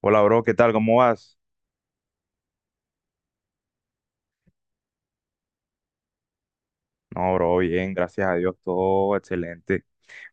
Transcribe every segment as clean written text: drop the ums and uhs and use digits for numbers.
Hola, bro, ¿qué tal? ¿Cómo vas? No, bro, bien, gracias a Dios, todo excelente.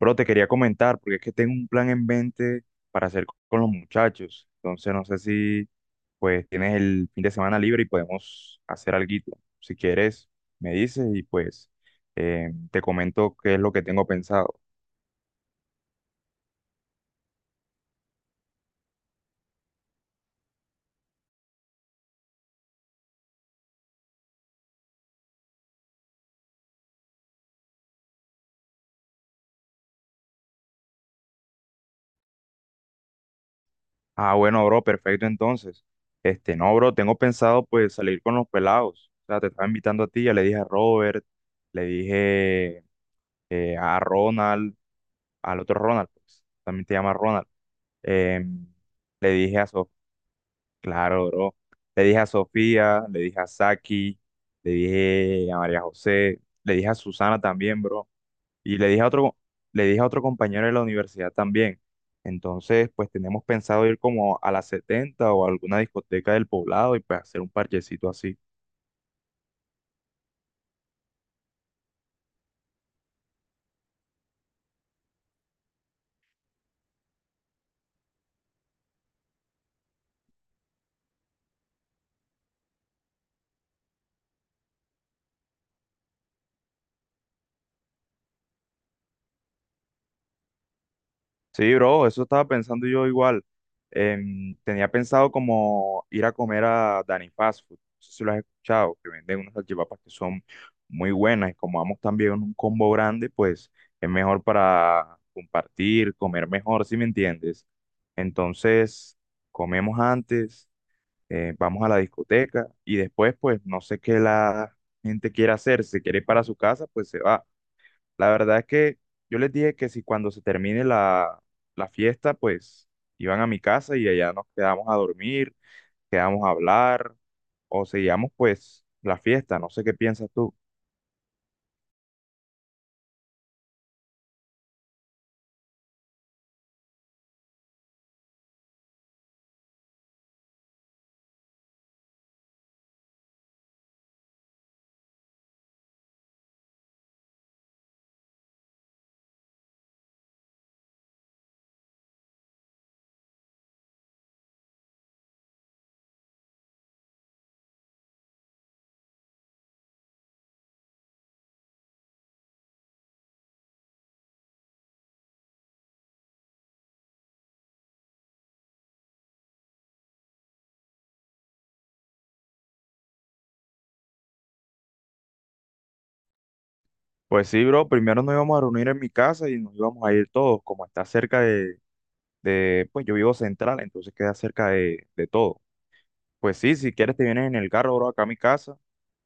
Bro, te quería comentar, porque es que tengo un plan en mente para hacer con los muchachos. Entonces, no sé si, pues, tienes el fin de semana libre y podemos hacer alguito. Si quieres, me dices y, pues, te comento qué es lo que tengo pensado. Ah, bueno, bro, perfecto, entonces. Este, no, bro, tengo pensado, pues, salir con los pelados. O sea, te estaba invitando a ti, ya le dije a Robert, le dije a Ronald. Al otro Ronald, pues, también te llama Ronald. Eh, le dije a Sofía, claro, bro. Le dije a Sofía, le dije a Saki, le dije a María José, le dije a Susana también, bro. Y le dije a otro, le dije a otro compañero de la universidad también. Entonces, pues tenemos pensado ir como a la 70 o a alguna discoteca del poblado y pues hacer un parchecito así. Sí, bro, eso estaba pensando yo igual. Tenía pensado como ir a comer a Danny Fast Food. No sé si lo has escuchado, que venden unas salchipapas que son muy buenas. Y como vamos también en un combo grande, pues es mejor para compartir, comer mejor, si me entiendes. Entonces, comemos antes, vamos a la discoteca y después, pues no sé qué la gente quiere hacer. Si quiere ir para su casa, pues se va. La verdad es que yo les dije que si cuando se termine la fiesta, pues iban a mi casa y allá nos quedamos a dormir, quedamos a hablar o seguíamos pues la fiesta, no sé qué piensas tú. Pues sí, bro, primero nos íbamos a reunir en mi casa y nos íbamos a ir todos, como está cerca de pues yo vivo central, entonces queda cerca de todo. Pues sí, si quieres te vienes en el carro, bro, acá a mi casa.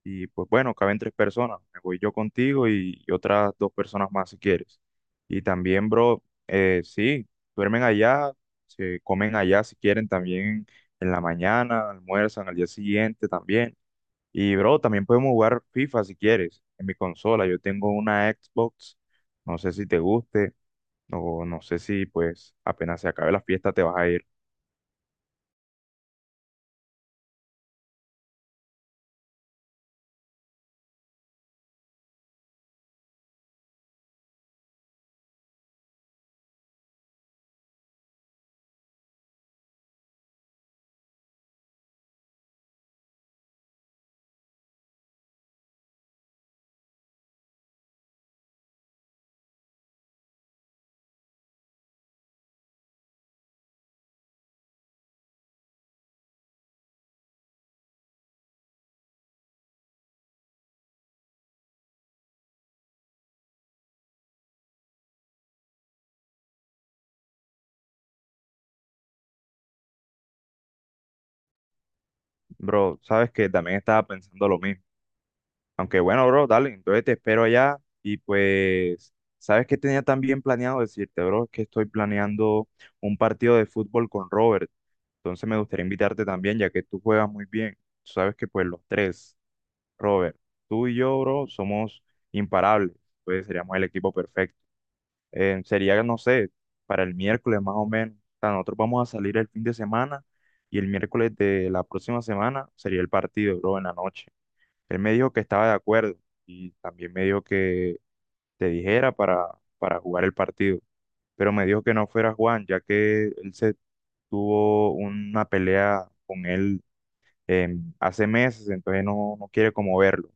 Y pues bueno, caben tres personas. Me voy yo contigo y otras dos personas más si quieres. Y también, bro, sí, duermen allá, se comen allá si quieren también en la mañana, almuerzan al día siguiente también. Y, bro, también podemos jugar FIFA si quieres en mi consola. Yo tengo una Xbox, no sé si te guste o no sé si pues apenas se acabe la fiesta te vas a ir. Bro, sabes que también estaba pensando lo mismo. Aunque bueno, bro, dale, entonces te espero allá y pues, ¿sabes qué tenía también planeado decirte, bro? Es que estoy planeando un partido de fútbol con Robert, entonces me gustaría invitarte también, ya que tú juegas muy bien. Tú sabes que pues los tres, Robert, tú y yo, bro, somos imparables, pues seríamos el equipo perfecto. Sería, no sé, para el miércoles más o menos. O sea, nosotros vamos a salir el fin de semana y el miércoles de la próxima semana sería el partido, bro, en la noche. Él me dijo que estaba de acuerdo y también me dijo que te dijera para jugar el partido, pero me dijo que no fuera Juan, ya que él se tuvo una pelea con él hace meses, entonces no, no quiere como verlo.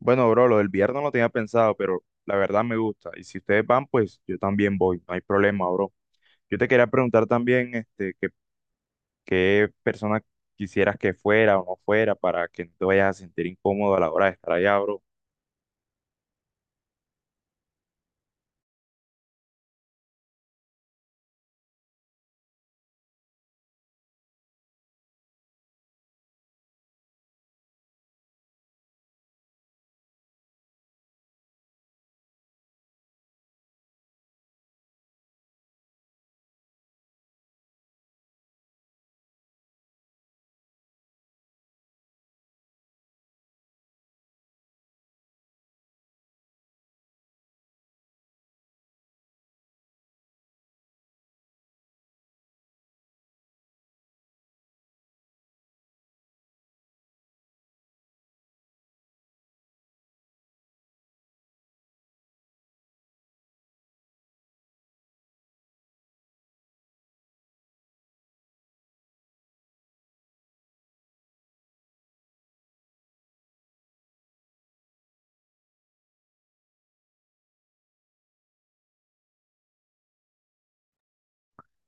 Bueno, bro, lo del viernes lo tenía pensado, pero la verdad me gusta. Y si ustedes van, pues yo también voy, no hay problema, bro. Yo te quería preguntar también, este, qué, qué persona quisieras que fuera o no fuera para que no te vayas a sentir incómodo a la hora de estar allá, bro.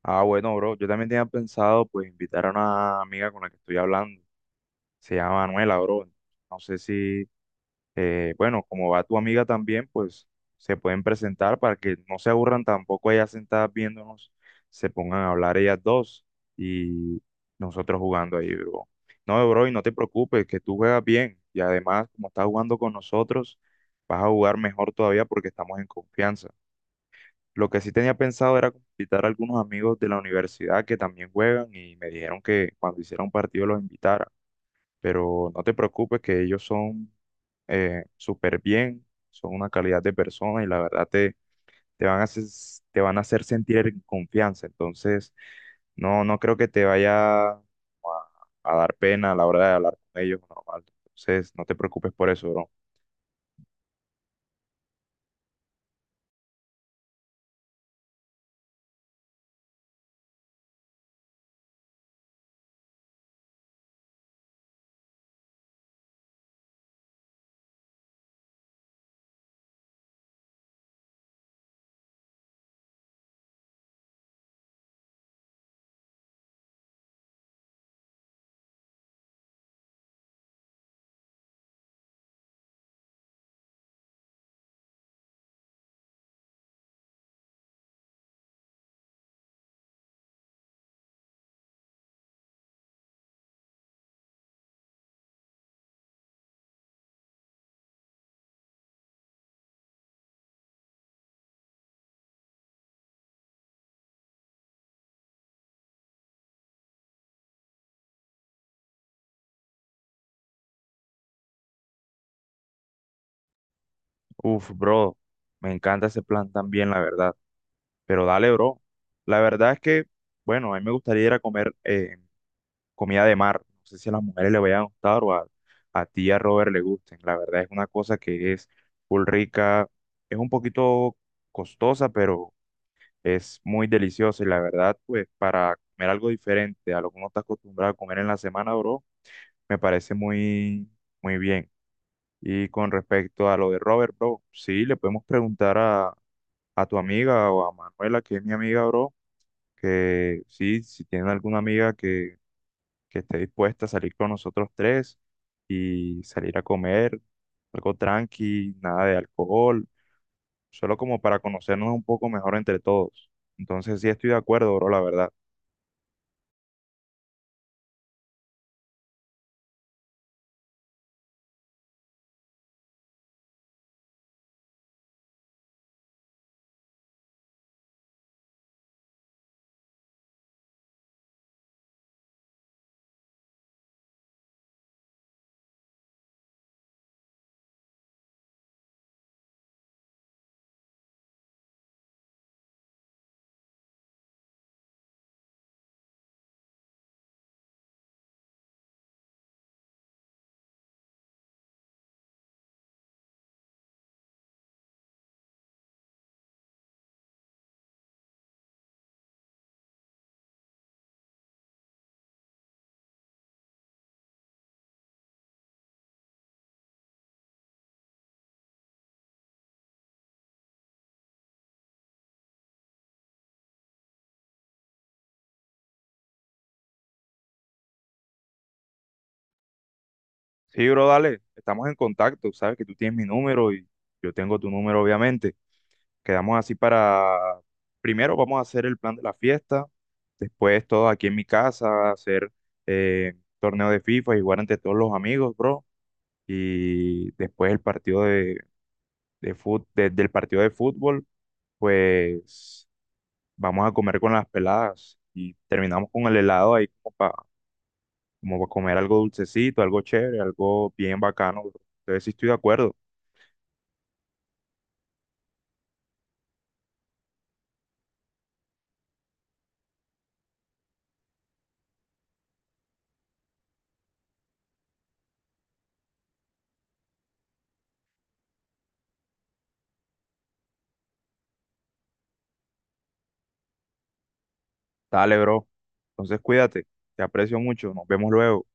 Ah, bueno, bro, yo también tenía pensado pues invitar a una amiga con la que estoy hablando. Se llama Manuela, bro. No sé si, bueno, como va tu amiga también, pues se pueden presentar para que no se aburran tampoco ellas sentadas viéndonos, se pongan a hablar ellas dos y nosotros jugando ahí, bro. No, bro, y no te preocupes, que tú juegas bien y además como estás jugando con nosotros, vas a jugar mejor todavía porque estamos en confianza. Lo que sí tenía pensado era invitar a algunos amigos de la universidad que también juegan y me dijeron que cuando hiciera un partido los invitara. Pero no te preocupes que ellos son súper bien, son una calidad de persona y la verdad te van a hacer, te van a hacer sentir en confianza. Entonces, no, no creo que te vaya a dar pena a la hora de hablar con ellos normal. Entonces, no te preocupes por eso, bro. Uf, bro, me encanta ese plan también, la verdad. Pero dale, bro. La verdad es que, bueno, a mí me gustaría ir a comer comida de mar. No sé si a las mujeres les vaya a gustar o a ti y a Robert le gusten. La verdad es una cosa que es full rica, es un poquito costosa, pero es muy deliciosa. Y la verdad, pues, para comer algo diferente a lo que uno está acostumbrado a comer en la semana, bro, me parece muy, muy bien. Y con respecto a lo de Robert, bro, sí, le podemos preguntar a tu amiga o a Manuela, que es mi amiga, bro que sí, si tienen alguna amiga que esté dispuesta a salir con nosotros tres y salir a comer, algo tranqui, nada de alcohol, solo como para conocernos un poco mejor entre todos. Entonces sí estoy de acuerdo, bro, la verdad. Sí, bro, dale, estamos en contacto, sabes que tú tienes mi número y yo tengo tu número, obviamente. Quedamos así para, primero vamos a hacer el plan de la fiesta, después todo aquí en mi casa, hacer torneo de FIFA y jugar entre todos los amigos, bro. Y después el partido de fut- de- del partido de fútbol, pues vamos a comer con las peladas y terminamos con el helado ahí como para como pa comer algo dulcecito, algo chévere, algo bien bacano, bro. Entonces sí estoy de acuerdo. Dale, bro. Entonces cuídate, te aprecio mucho, nos vemos luego.